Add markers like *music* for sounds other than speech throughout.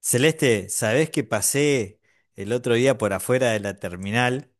Celeste, ¿sabés que pasé el otro día por afuera de la terminal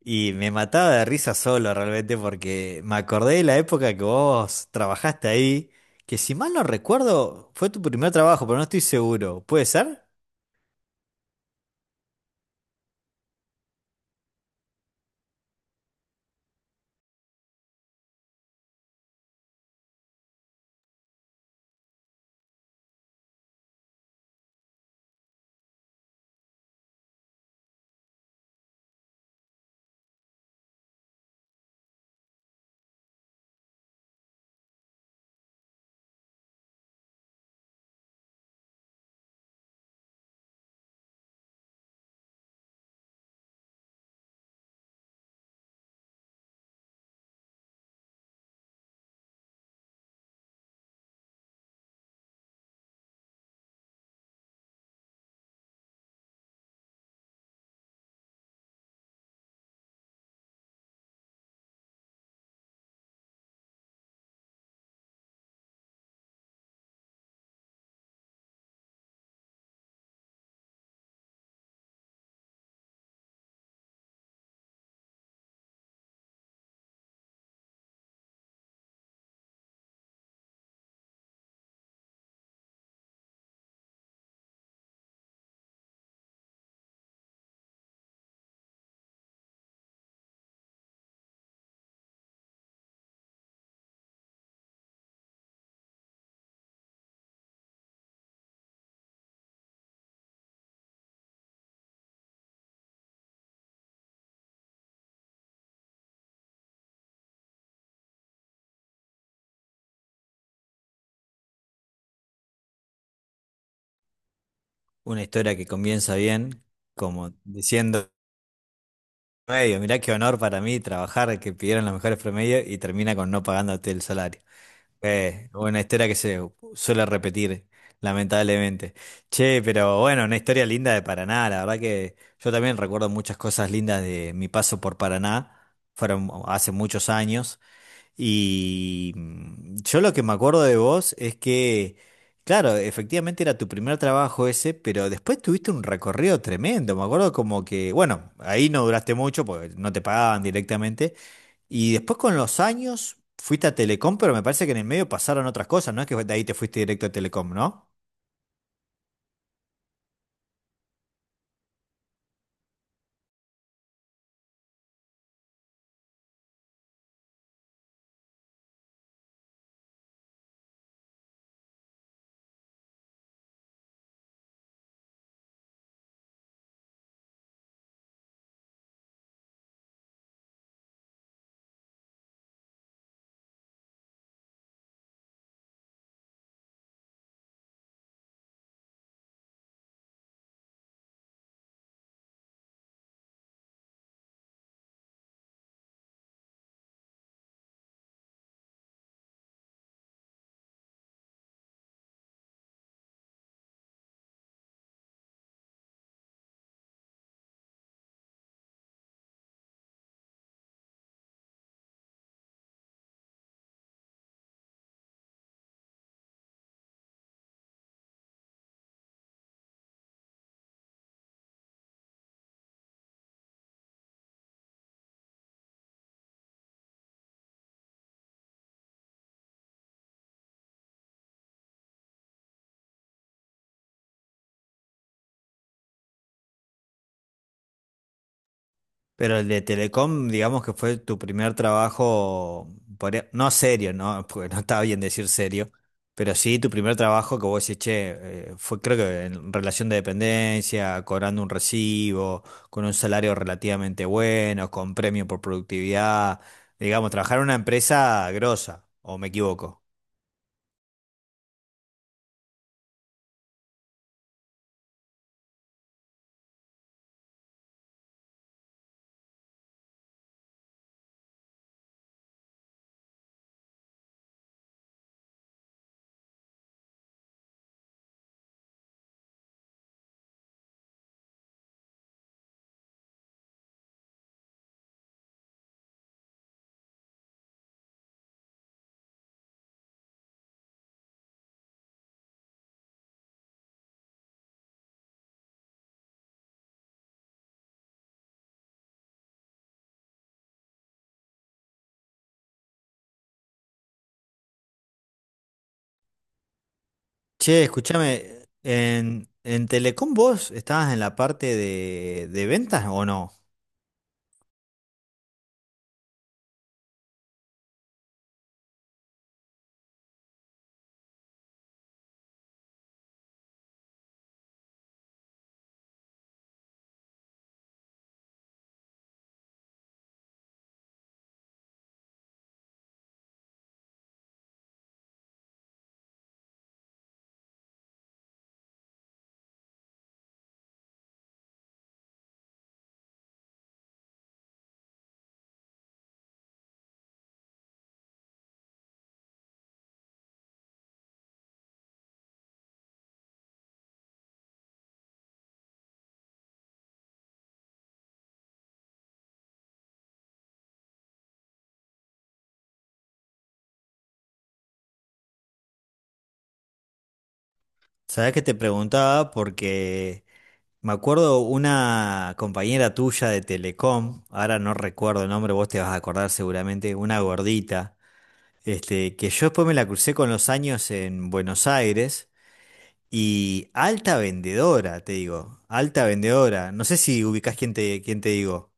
y me mataba de risa solo realmente porque me acordé de la época que vos trabajaste ahí, que si mal no recuerdo fue tu primer trabajo, pero no estoy seguro? ¿Puede ser? Una historia que comienza bien, como diciendo, medio, mirá qué honor para mí trabajar, que pidieron los mejores promedios y termina con no pagándote el salario. Una historia que se suele repetir, lamentablemente. Che, pero bueno, una historia linda de Paraná. La verdad que yo también recuerdo muchas cosas lindas de mi paso por Paraná. Fueron hace muchos años. Y mm, yo lo que me acuerdo de vos es que, claro, efectivamente era tu primer trabajo ese, pero después tuviste un recorrido tremendo. Me acuerdo como que, bueno, ahí no duraste mucho porque no te pagaban directamente. Y después con los años fuiste a Telecom, pero me parece que en el medio pasaron otras cosas, no es que de ahí te fuiste directo a Telecom, ¿no? Pero el de Telecom, digamos que fue tu primer trabajo, podría- no serio, ¿no? *laughs* Porque no estaba bien decir serio, pero sí tu primer trabajo que vos decís, che, fue creo que en relación de dependencia, cobrando un recibo, con un salario relativamente bueno, con premio por productividad, digamos, trabajar en una empresa grosa, ¿o me equivoco? Che, escúchame, en Telecom vos estabas en la parte de ventas ¿o no? ¿Sabés que te preguntaba porque me acuerdo una compañera tuya de Telecom, ahora no recuerdo el nombre, vos te vas a acordar seguramente, una gordita, este, que yo después me la crucé con los años en Buenos Aires y alta vendedora, te digo, alta vendedora? No sé si ubicás quién te digo.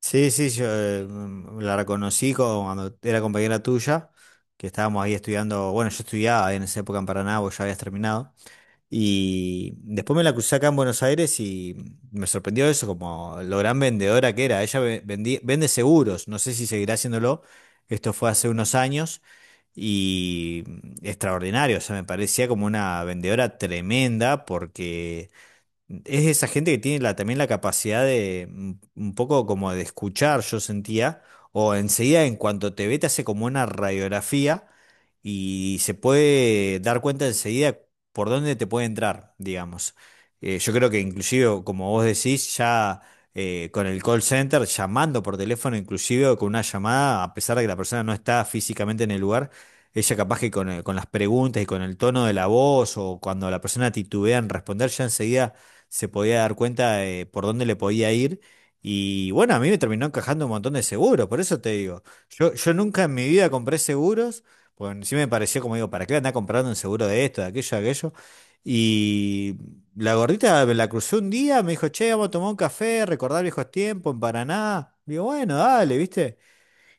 Sí, sí, yo mm, la reconocí co- cuando era compañera tuya, que estábamos ahí estudiando, bueno, yo estudiaba en esa época en Paraná, vos ya habías terminado, y después me la crucé acá en Buenos Aires y me sorprendió eso, como lo gran vendedora que era, ella ve- vendí- vende seguros, no sé si seguirá haciéndolo, esto fue hace unos años y mm, extraordinario, o sea, me parecía como una vendedora tremenda porque es esa gente que tiene la, también la capacidad de un poco como de escuchar, yo sentía, o enseguida en cuanto te ve te hace como una radiografía y se puede dar cuenta enseguida por dónde te puede entrar, digamos. Yo creo que inclusive, como vos decís, ya con el call center, llamando por teléfono, inclusive o con una llamada, a pesar de que la persona no está físicamente en el lugar, ella capaz que con las preguntas y con el tono de la voz o cuando la persona titubea en responder, ya enseguida se podía dar cuenta de por dónde le podía ir. Y bueno, a mí me terminó encajando un montón de seguros, por eso te digo, yo nunca en mi vida compré seguros, porque sí me pareció como digo, ¿para qué andar comprando un seguro de esto, de aquello, de aquello? Y la gordita me la crucé un día, me dijo, che, vamos a tomar un café, recordar viejos tiempos en Paraná. Digo, bueno, dale, ¿viste?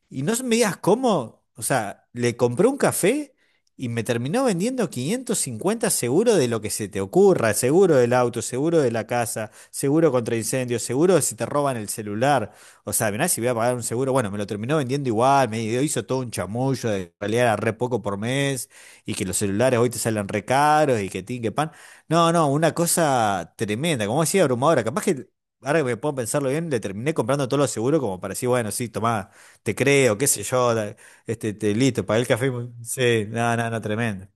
Y no me digas cómo, o sea, le compré un café y me terminó vendiendo 550 seguro de lo que se te ocurra, seguro del auto, seguro de la casa, seguro contra incendios, seguro de si te roban el celular. O sea, mirá, si voy a pagar un seguro, bueno, me lo terminó vendiendo igual, me hizo todo un chamullo de que en realidad era re poco por mes y que los celulares hoy te salen re caros y que tin, que pan. No, no, una cosa tremenda, como decía abrumadora, capaz que... Ahora que me puedo pensarlo bien, le terminé comprando todos los seguros como para decir, bueno, sí, tomá, te creo, qué sé yo, la- este, te, listo, pagué el café. Muy- Sí, no, no, no, tremendo.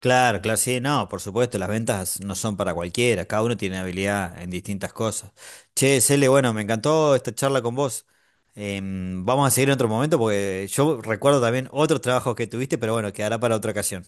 Claro, claro, sí, no, por supuesto, las ventas no son para cualquiera, cada uno tiene habilidad en distintas cosas. Che, Cele, bueno, me encantó esta charla con vos. Vamos a seguir en otro momento porque yo recuerdo también otros trabajos que tuviste, pero bueno, quedará para otra ocasión.